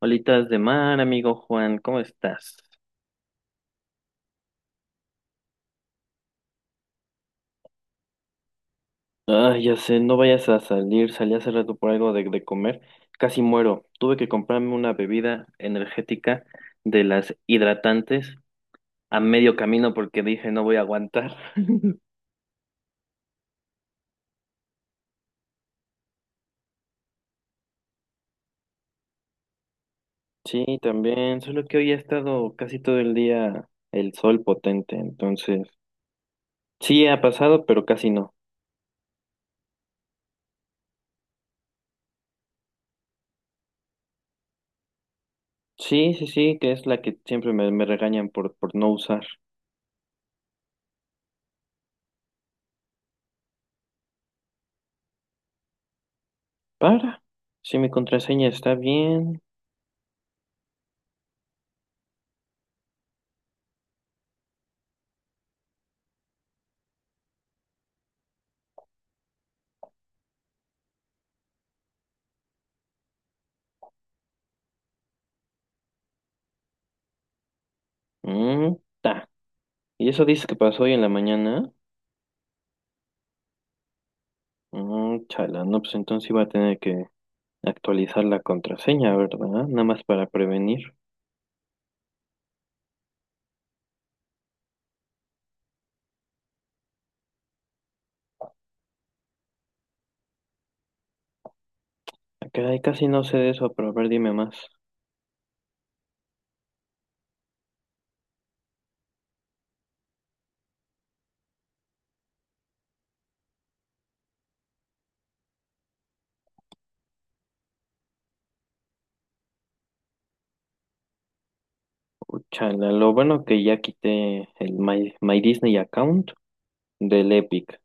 Olitas de mar, amigo Juan, ¿cómo estás? Ah, ya sé, no vayas a salir, salí hace rato por algo de comer, casi muero. Tuve que comprarme una bebida energética de las hidratantes a medio camino porque dije no voy a aguantar. Sí, también, solo que hoy ha estado casi todo el día el sol potente, entonces sí ha pasado, pero casi no. Sí, sí, sí, que es la que siempre me regañan por no usar. Para, si mi contraseña está bien. Mm, ta. ¿Y eso dices que pasó hoy en la mañana? Mm, chala, no, pues entonces iba a tener que actualizar la contraseña, ¿verdad? Nada más para prevenir. Ah, caray, casi no sé de eso, pero a ver, dime más. Chala, lo bueno que ya quité el My Disney account del Epic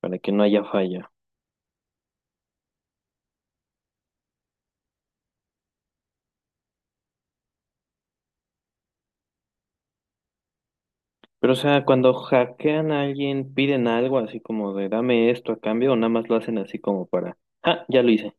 para que no haya falla. Pero, o sea, cuando hackean a alguien, piden algo así como de dame esto a cambio, o nada más lo hacen así como para, ah, ya lo hice.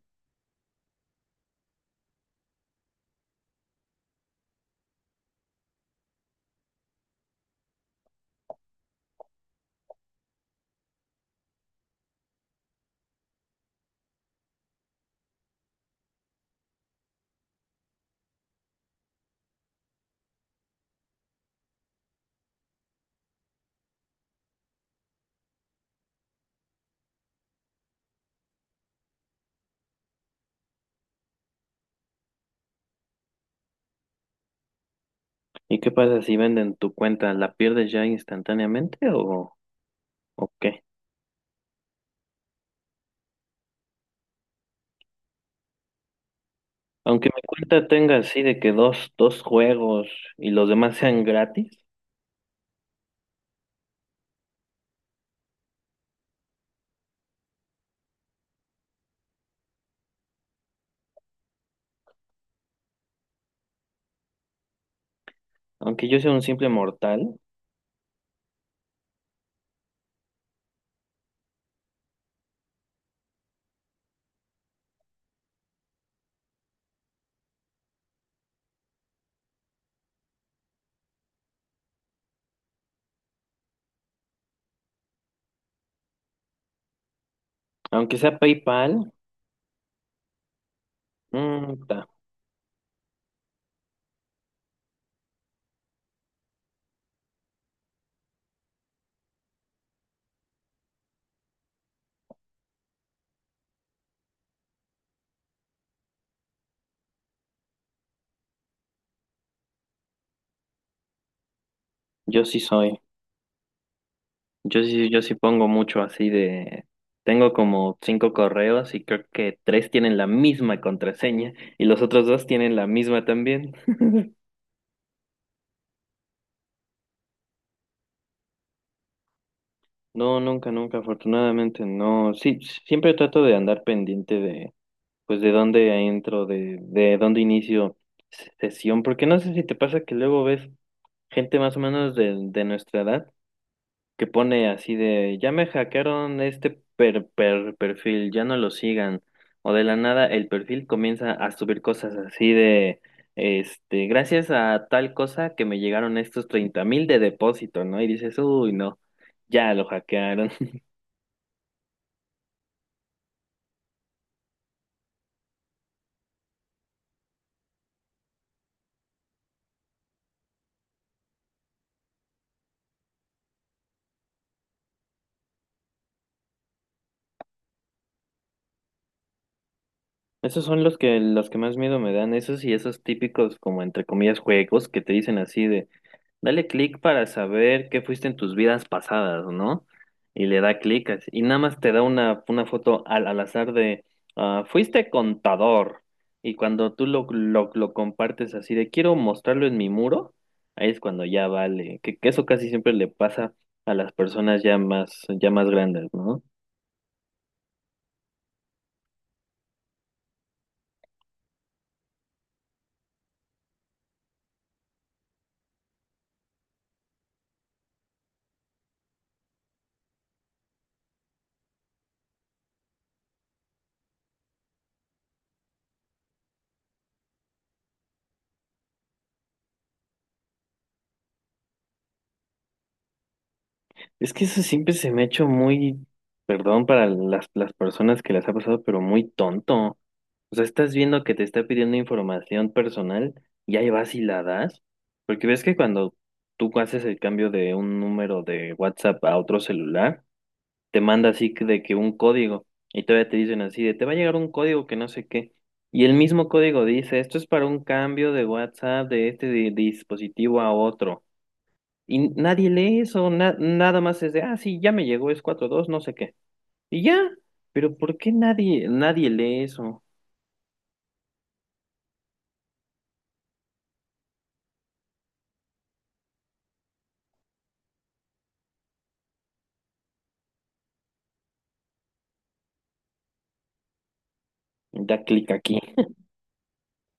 ¿Y qué pasa si venden tu cuenta? ¿La pierdes ya instantáneamente o qué? Aunque mi cuenta tenga así de que dos juegos y los demás sean gratis, aunque yo sea un simple mortal, aunque sea PayPal, mm, ta, yo sí soy. Yo sí, yo sí pongo mucho así de... Tengo como cinco correos y creo que tres tienen la misma contraseña y los otros dos tienen la misma también. No, nunca, nunca, afortunadamente no. Sí, siempre trato de andar pendiente de pues de dónde entro, de dónde inicio sesión, porque no sé si te pasa que luego ves gente más o menos de nuestra edad que pone así de, ya me hackearon este perfil, ya no lo sigan, o de la nada el perfil comienza a subir cosas así de, este, gracias a tal cosa que me llegaron estos 30,000 de depósito, ¿no? Y dices, uy, no, ya lo hackearon. Esos son los que más miedo me dan, esos y esos típicos como entre comillas juegos que te dicen así de dale clic para saber qué fuiste en tus vidas pasadas, ¿no? Y le da clic así, y nada más te da una foto al, al azar de ah, fuiste contador. Y cuando tú lo compartes así de quiero mostrarlo en mi muro, ahí es cuando ya vale, que eso casi siempre le pasa a las personas ya más grandes, ¿no? Es que eso siempre se me ha hecho muy, perdón para las personas que las ha pasado, pero muy tonto. O sea, estás viendo que te está pidiendo información personal y ahí vas y la das. Porque ves que cuando tú haces el cambio de un número de WhatsApp a otro celular, te manda así que- de que un código y todavía te dicen así de te va a llegar un código que no sé qué. Y el mismo código dice, esto es para un cambio de WhatsApp de este dispositivo a otro. Y nadie lee eso, nada más es de, ah, sí, ya me llegó, es cuatro dos no sé qué. Y ya, pero ¿por qué nadie, nadie lee eso? Da clic aquí.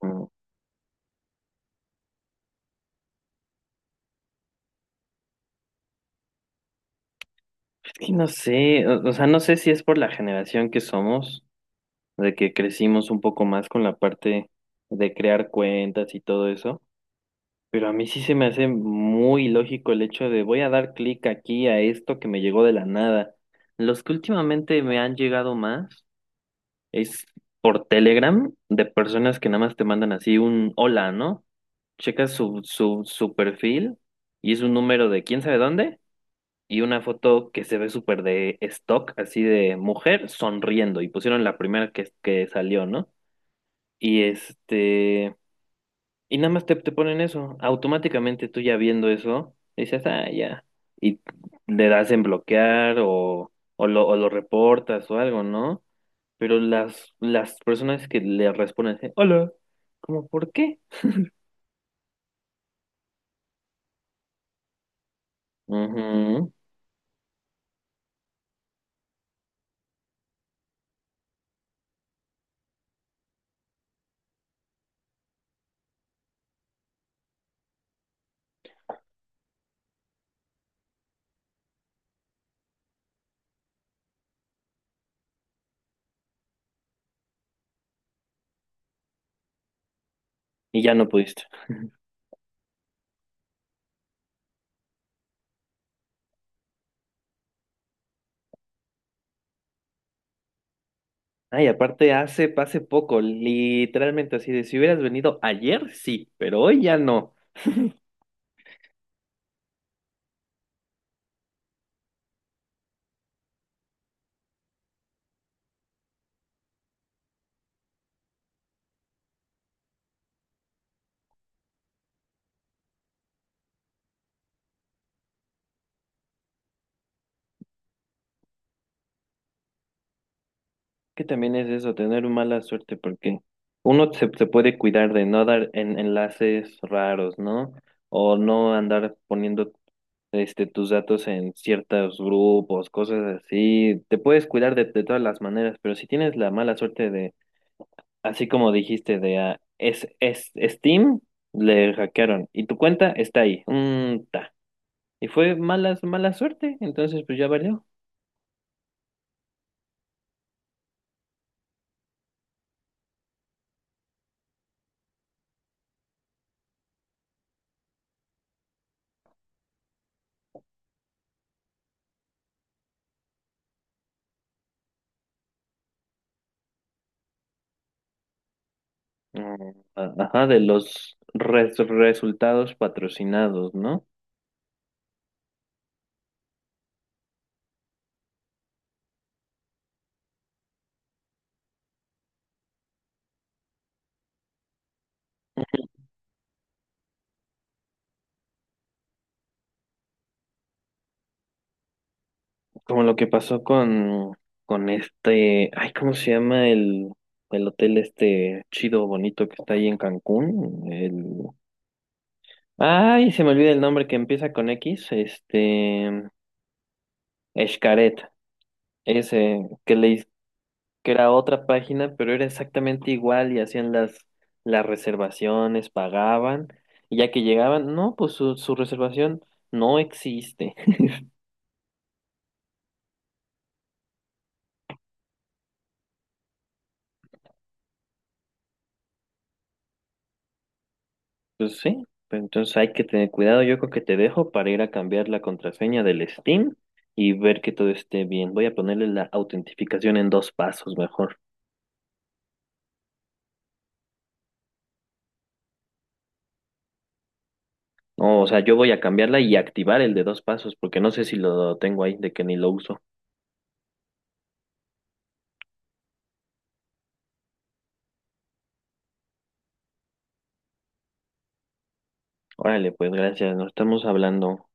Mm, es que no sé, o sea, no sé si es por la generación que somos, de que crecimos un poco más con la parte de crear cuentas y todo eso, pero a mí sí se me hace muy lógico el hecho de voy a dar clic aquí a esto que me llegó de la nada. Los que últimamente me han llegado más. Es por Telegram de personas que nada más te mandan así un hola, ¿no? Checas su perfil y es un número de quién sabe dónde y una foto que se ve súper de stock, así de mujer sonriendo y pusieron la primera que salió, ¿no? Y este, y nada más te ponen eso. Automáticamente tú ya viendo eso, dices, ah, ya. Y le das en bloquear o lo reportas o algo, ¿no? Pero las personas que le responden así, hola, ¿cómo por qué? Ujú, y ya no pudiste. Ay, aparte hace, hace poco, literalmente así de si hubieras venido ayer, sí, pero hoy ya no. Que también es eso, tener mala suerte, porque uno se, se puede cuidar de no dar enlaces raros, ¿no? O no andar poniendo este tus datos en ciertos grupos, cosas así. Te puedes cuidar de todas las maneras, pero si tienes la mala suerte de así como dijiste de ah, es Steam, le hackearon y tu cuenta está ahí. Mm, ta. Y fue malas, mala suerte, entonces pues ya valió. Mm, a- Ajá, de los resultados patrocinados, ¿no? Como lo que pasó con este, ay, ¿cómo se llama el hotel este chido, bonito que está ahí en Cancún? El, ay, se me olvida el nombre que empieza con X, este, Xcaret. Ese que le, que era otra página, pero era exactamente igual y hacían las reservaciones, pagaban, y ya que llegaban, no, pues su reservación no existe. Pues sí, pero entonces hay que tener cuidado, yo creo que te dejo para ir a cambiar la contraseña del Steam y ver que todo esté bien. Voy a ponerle la autentificación en dos pasos mejor. No, o sea, yo voy a cambiarla y activar el de dos pasos, porque no sé si lo tengo ahí, de que ni lo uso. Órale, pues gracias, nos estamos hablando.